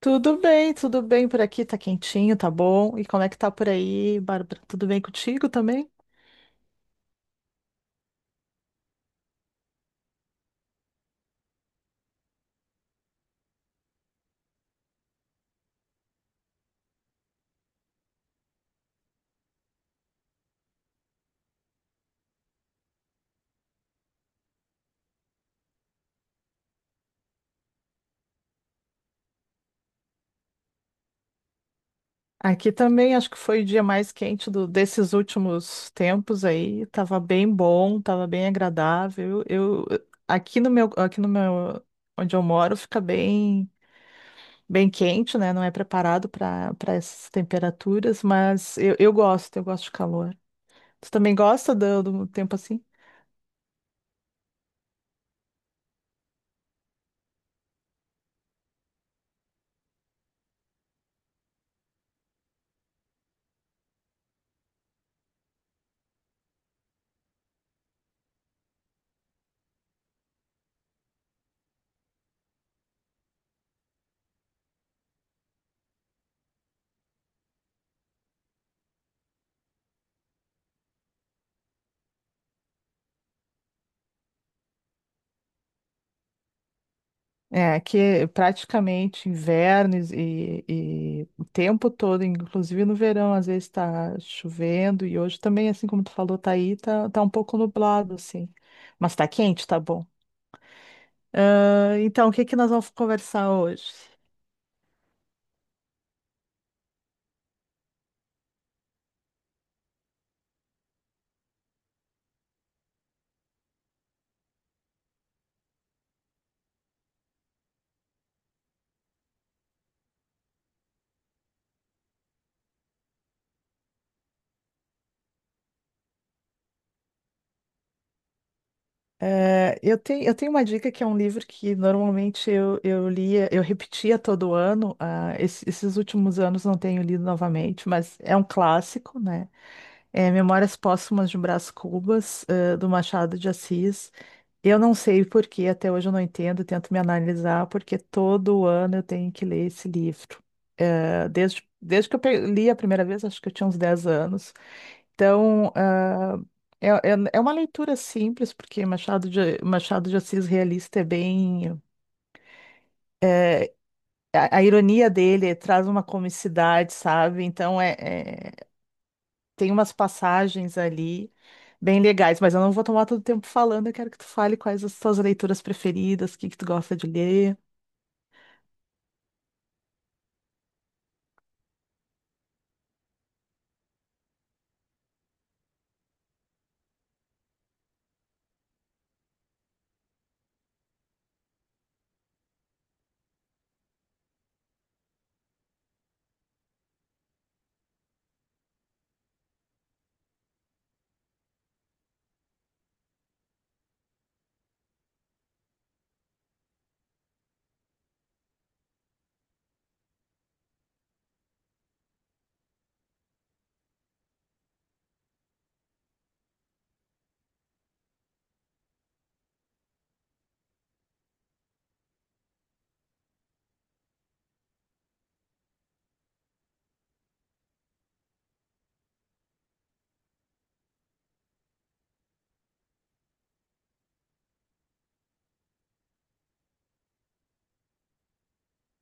Tudo bem por aqui, tá quentinho, tá bom. E como é que tá por aí, Bárbara? Tudo bem contigo também? Aqui também acho que foi o dia mais quente desses últimos tempos aí. Tava bem bom, tava bem agradável. Eu aqui no meu onde eu moro fica bem bem quente, né? Não é preparado para essas temperaturas, mas eu gosto de calor. Tu também gosta do tempo assim? É, que é praticamente inverno e o tempo todo, inclusive no verão, às vezes está chovendo e hoje também, assim como tu falou, tá um pouco nublado, assim. Mas tá quente, tá bom. Ah, então, o que que nós vamos conversar hoje? É, eu tenho uma dica que é um livro que normalmente eu lia, eu repetia todo ano. Esses últimos anos não tenho lido novamente, mas é um clássico, né? É Memórias Póstumas de Brás Cubas, do Machado de Assis. Eu não sei por que, até hoje eu não entendo, tento me analisar, porque todo ano eu tenho que ler esse livro. Desde que eu li a primeira vez, acho que eu tinha uns 10 anos. Então, é uma leitura simples, porque Machado de Assis realista é bem. A ironia dele traz uma comicidade, sabe? Então, tem umas passagens ali bem legais, mas eu não vou tomar todo o tempo falando, eu quero que tu fale quais as tuas leituras preferidas, o que que tu gosta de ler.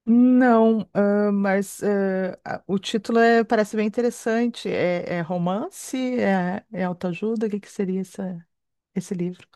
Não, mas o título parece bem interessante. É romance? É autoajuda? O que que seria esse livro?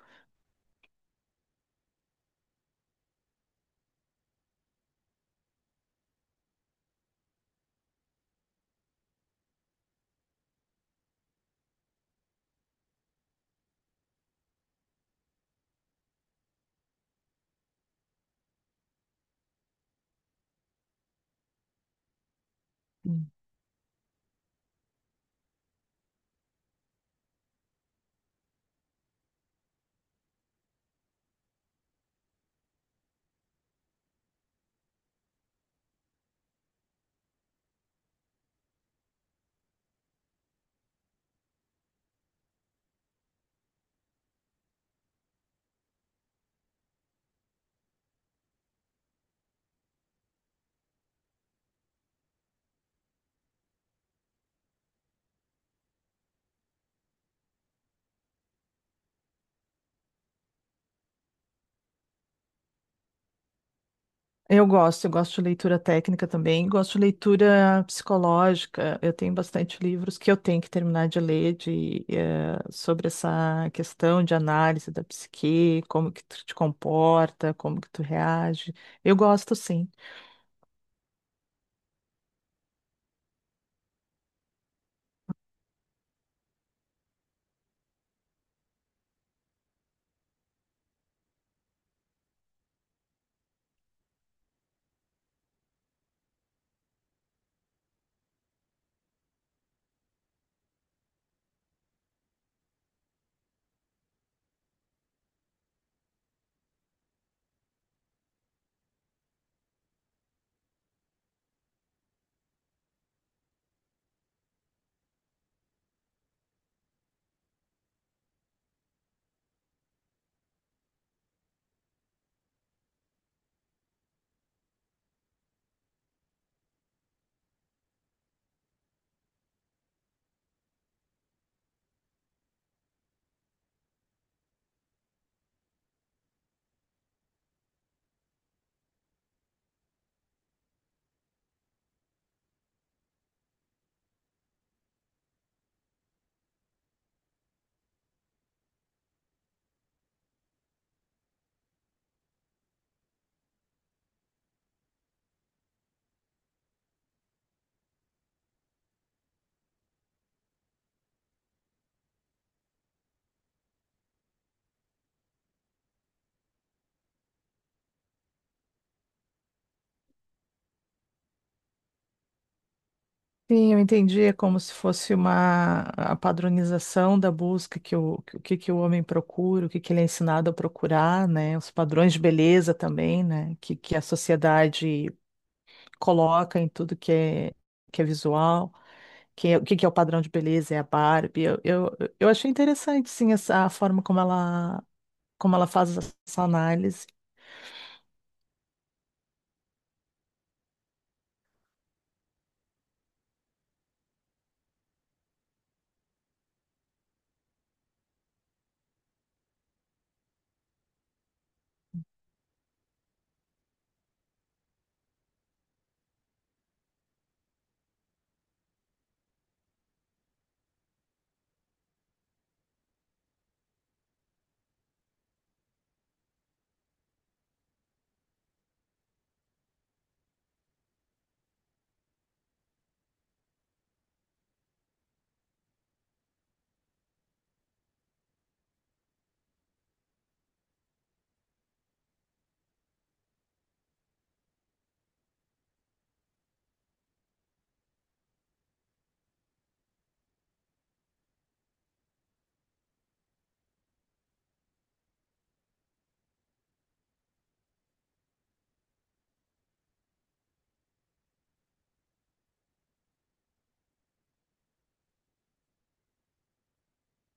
Eu gosto de leitura técnica também, gosto de leitura psicológica. Eu tenho bastante livros que eu tenho que terminar de ler sobre essa questão de análise da psique, como que tu te comporta, como que tu reage. Eu gosto, sim. Sim, eu entendi, é como se fosse uma a padronização da busca o que que o homem procura, o que ele é ensinado a procurar, né? Os padrões de beleza também, né? Que a sociedade coloca em tudo que é visual, o que que é o padrão de beleza, é a Barbie. Eu achei interessante, sim, a forma como ela faz essa análise.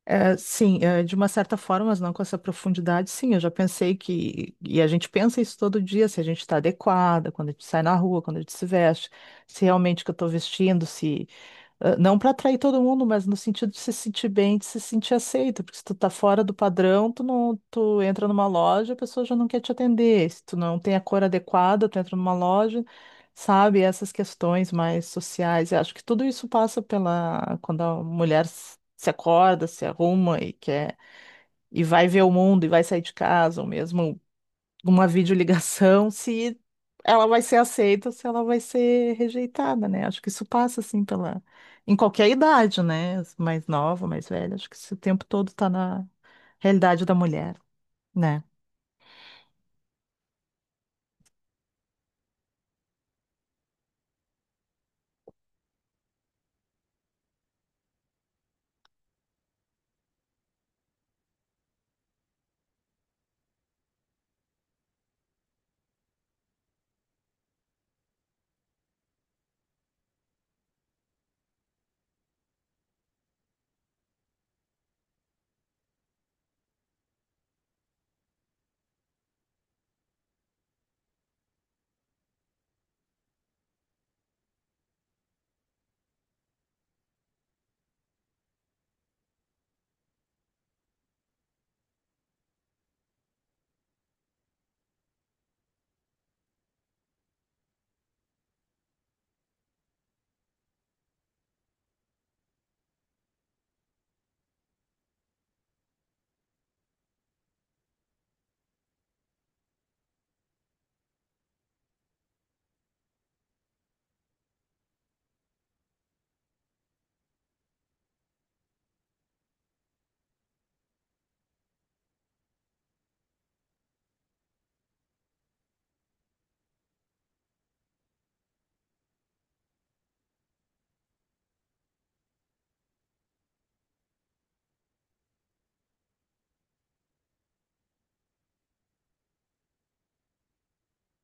É, sim, é, de uma certa forma, mas não com essa profundidade, sim, eu já pensei e a gente pensa isso todo dia, se a gente está adequada, quando a gente sai na rua, quando a gente se veste, se realmente o que eu estou vestindo, se Não para atrair todo mundo, mas no sentido de se sentir bem, de se sentir aceito, porque se tu tá fora do padrão, tu não, tu entra numa loja, a pessoa já não quer te atender. Se tu não tem a cor adequada, tu entra numa loja, sabe? Essas questões mais sociais. Eu acho que tudo isso passa pela quando a mulher se acorda, se arruma e quer e vai ver o mundo e vai sair de casa, ou mesmo uma videoligação, se ela vai ser aceita ou se ela vai ser rejeitada, né? Acho que isso passa assim pela em qualquer idade, né? Mais nova, mais velha, acho que isso o tempo todo tá na realidade da mulher, né?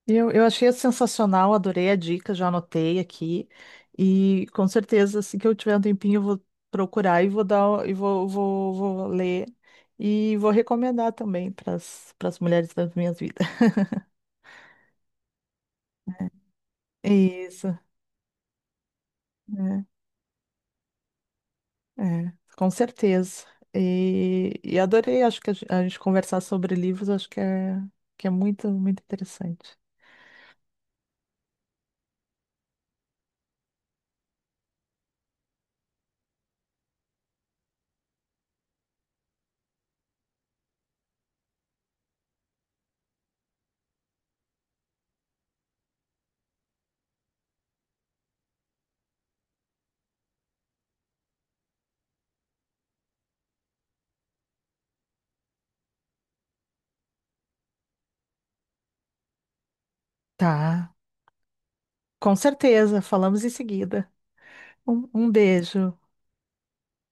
Eu achei sensacional, adorei a dica, já anotei aqui e com certeza assim que eu tiver um tempinho eu vou procurar e vou ler e vou recomendar também para as mulheres das minhas vidas. Isso. Né? É, com certeza. E adorei, acho que a gente conversar sobre livros, acho que é muito, muito interessante. Tá, com certeza. Falamos em seguida. Um beijo.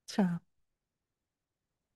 Tchau.